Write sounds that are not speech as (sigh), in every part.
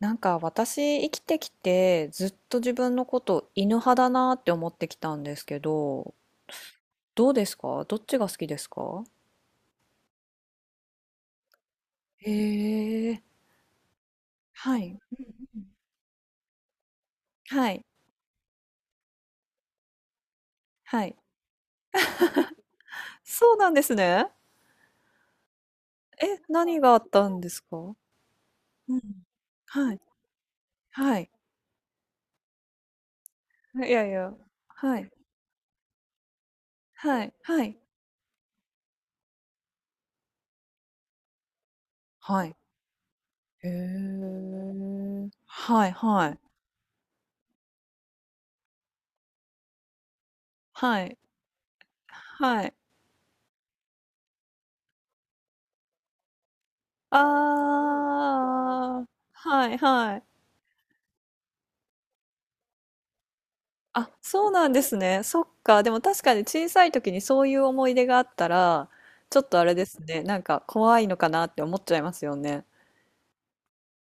なんか私生きてきてずっと自分のこと犬派だなって思ってきたんですけど、どうですかどっちが好きですか？へえ、はい。うんうんはい。はい。そうなんですね。え、何があったんですか？うん。はい。はい。いやいや。はい。はい。はい。はい。へえ。はい。はい。はい。はい。あー。はい。はい。あ、そうなんですね。そっか。でも確かに小さい時にそういう思い出があったら、ちょっとあれですね。なんか怖いのかなって思っちゃいますよね。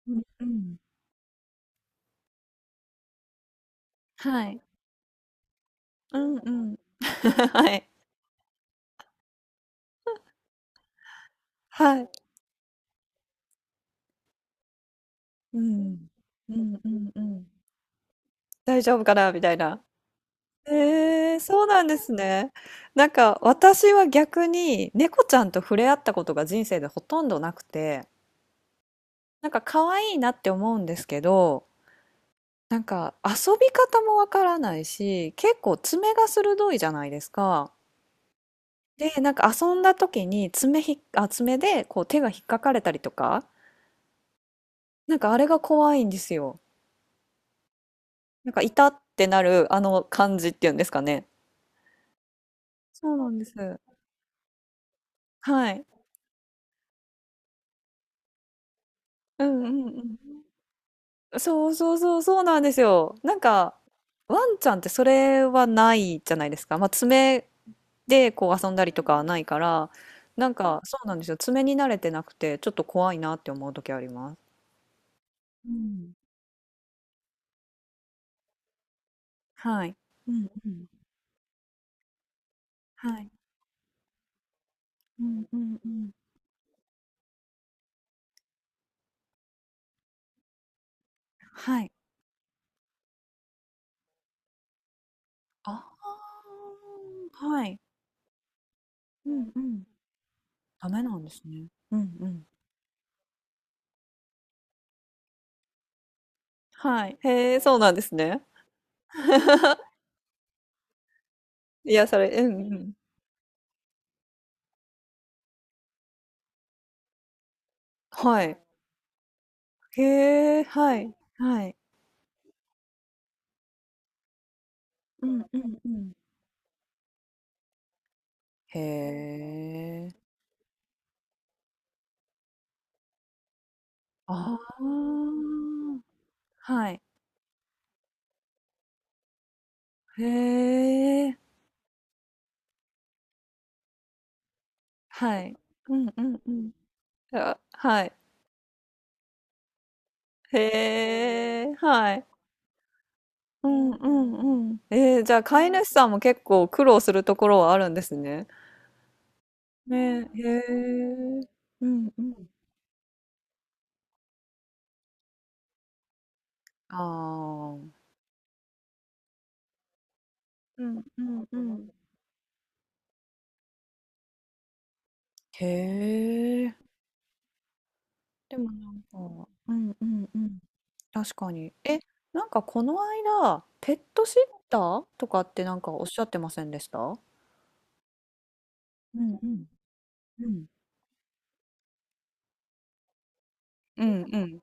うんうん。はい。うんうん。(laughs) はい。はい。うん。うんうんうん。大丈夫かなみたいな。えー、そうなんですね。なんか私は逆に猫ちゃんと触れ合ったことが人生でほとんどなくて、なんか可愛いなって思うんですけど、なんか遊び方もわからないし、結構爪が鋭いじゃないですか。で、なんか遊んだ時に爪ひっ、あ、爪でこう手が引っかかれたりとか、なんかあれが怖いんですよ。なんか痛ってなるあの感じっていうんですかね。そうなんです。はい。うんうんうん。そうそうそうそうなんですよ。なんかワンちゃんってそれはないじゃないですか。まあ爪で、こう遊んだりとかはないから、なんかそうなんですよ。爪に慣れてなくて、ちょっと怖いなって思う時あります。うん。はい。うんうん。はい。うんうんうん。はい。ああ、はい。うんうん。ダメなんですね。うんうん。はい。へえ、そうなんですね。いやそれうんうん。はい。へえ、はい。はい。うんうんうん。へえ。ああ。はい。へえ。はい。うんうんうん。あ、はい。へえ、はい。うんうんうん。えー、じゃあ飼い主さんも結構苦労するところはあるんですね。ねえ、へえ。うんうん。ああ。うんうんうん。へえ。でもなんか、うんうんうん。確かに。え、なんかこの間、ペットシッターとかってなんかおっしゃってませんでした？うんうん。うん。うんうん。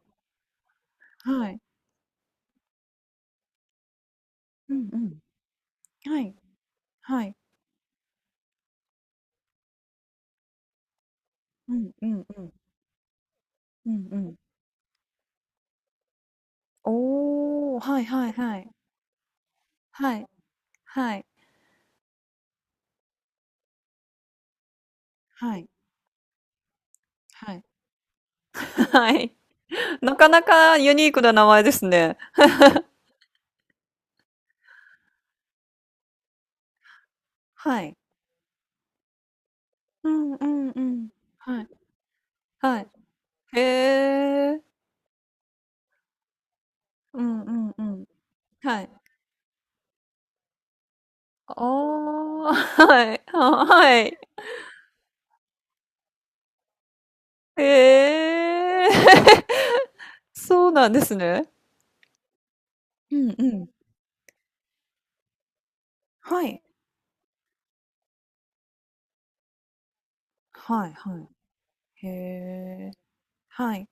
はい。うんうん。はい。はい。うんうんうん。うんうん。おお、はいはいはい。はい。はい。はい。はい。(laughs) はい。なかなかユニークな名前ですね。はい。うんうんうん。はい。はい。へえ。うんうんうん。はい。ああ、(laughs) はい。あ、はい。へえ。(laughs) そうなんですね。うんうん。はい。はいはい。へえ。はい。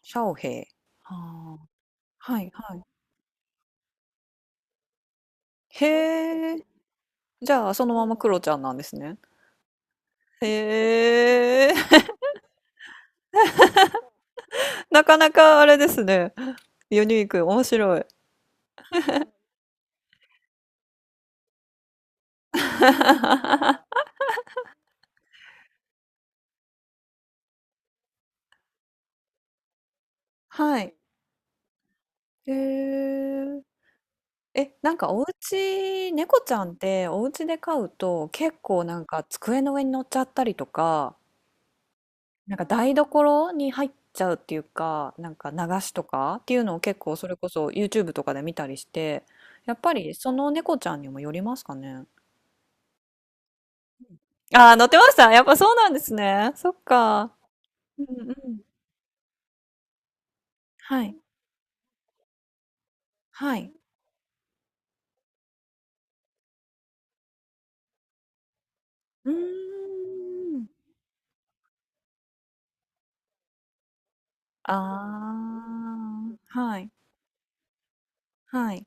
シャオヘイ。ああ。はいはい。へえ。じゃあ、そのままクロちゃんなんですね。へえ。(laughs) なかなかあれですね。ユニーク、面白い。はい。へえ。え、なんかお家、猫ちゃんってお家で飼うと結構なんか机の上に乗っちゃったりとか、なんか台所に入っちゃうっていうか、なんか流しとかっていうのを結構それこそ YouTube とかで見たりして、やっぱりその猫ちゃんにもよりますかね。ああ、乗ってました。やっぱそうなんですね。そっか。うんうん。はい。はい。うーん。ああ、はい。はい。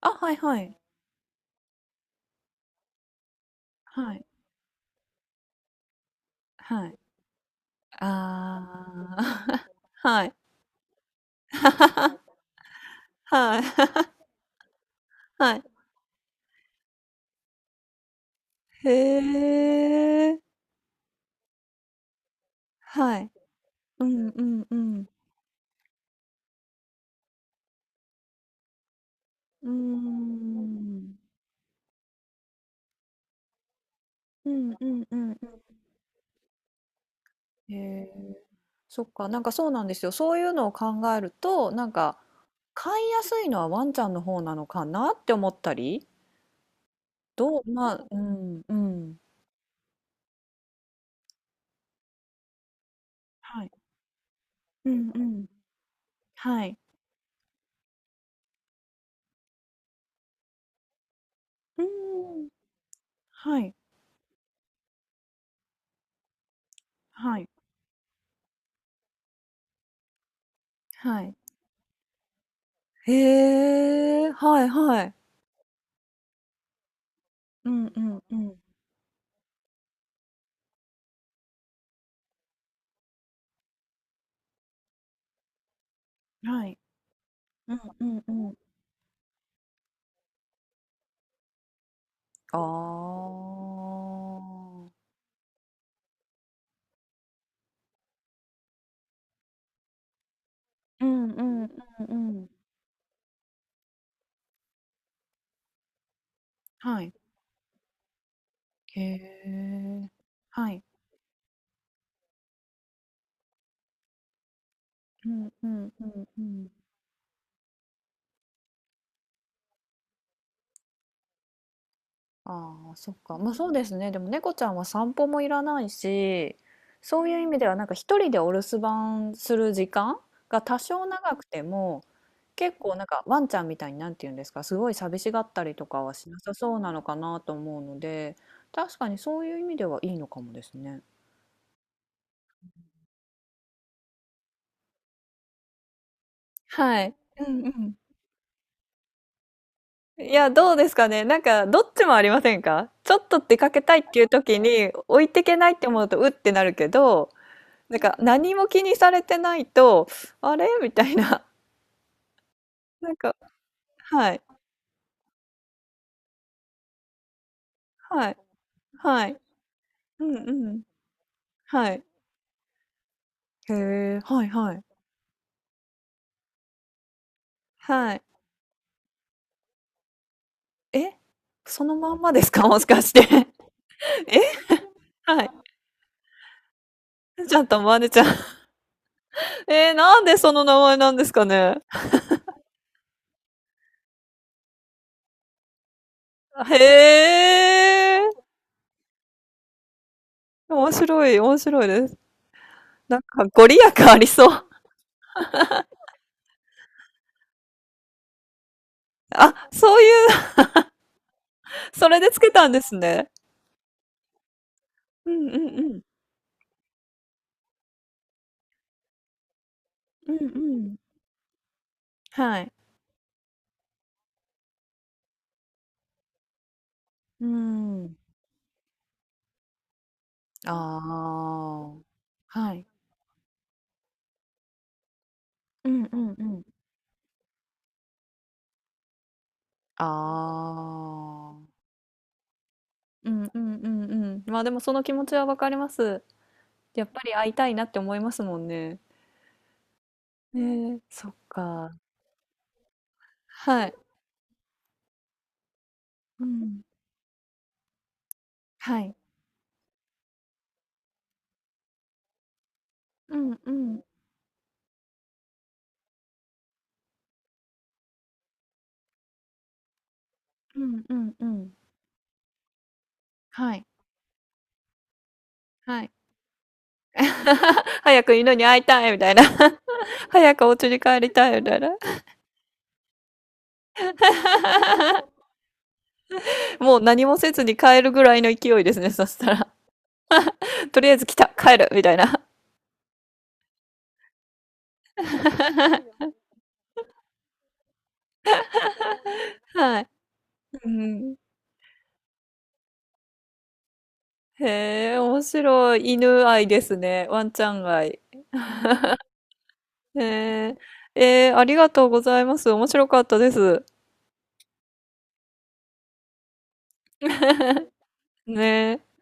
あ、はいはい。はい。はい。ああ、(laughs) はい。(laughs) はい。(laughs) はい。へえ。はい。うんうんうん。うーん。うんうんうんうん。へえ。そっか、なんかそうなんですよ。そういうのを考えると、なんか、飼いやすいのはワンちゃんの方なのかなって思ったり。どうまあ、うん、うん。はい。うんうん。はい。うーん。はい、はい。はい。へえ、はいはい。うんうんうん。はい。うんうんうん。ああ。うんうんうんうん。はい。へえ。はい。うんうんうんうん。ああ、そっか。まあそうですね。でも猫ちゃんは散歩もいらないし、そういう意味ではなんか一人でお留守番する時間が多少長くても、結構なんかワンちゃんみたいになんて言うんですか、すごい寂しがったりとかはしなさそうなのかなと思うので、確かにそういう意味ではいいのかもですね。はい。うんうん。いや、どうですかね。なんか、どっちもありませんか？ちょっと出かけたいっていう時に、置いてけないって思うと、うってなるけど、なんか、何も気にされてないと、あれ？みたいな。(laughs) なんかはい、はい、はい。うんうん。はい。へえ、はいはい。はい。え？そのまんまですか？(laughs) もしかして。(laughs) え？はい。ちゃんと思わちゃん (laughs) えー、なんでその名前なんですかね？へえ。面白い、面白いです。なんかご利益ありそう。(laughs) あ、そういう、(laughs) それでつけたんですね。うんうんうん。うんうん。はい。うん。ああ、はい。うんうんうん。ああ。うんうんうんうん。まあでもその気持ちはわかります。やっぱり会いたいなって思いますもんね。ねえ。そっか。はい。うん。はい。うんうんうんうんうん。はい、はい。(laughs) 早く犬に会いたいみたいな。(laughs) 早くお家に帰りたいみたいな。もう何もせずに帰るぐらいの勢いですね、そしたら。(laughs) とりあえず来た、帰るみたいな。(laughs) はい。うん。へえ、面白い。犬愛ですね。ワンちゃん愛。へえ、えーありがとうございます。面白かったです。ねえ。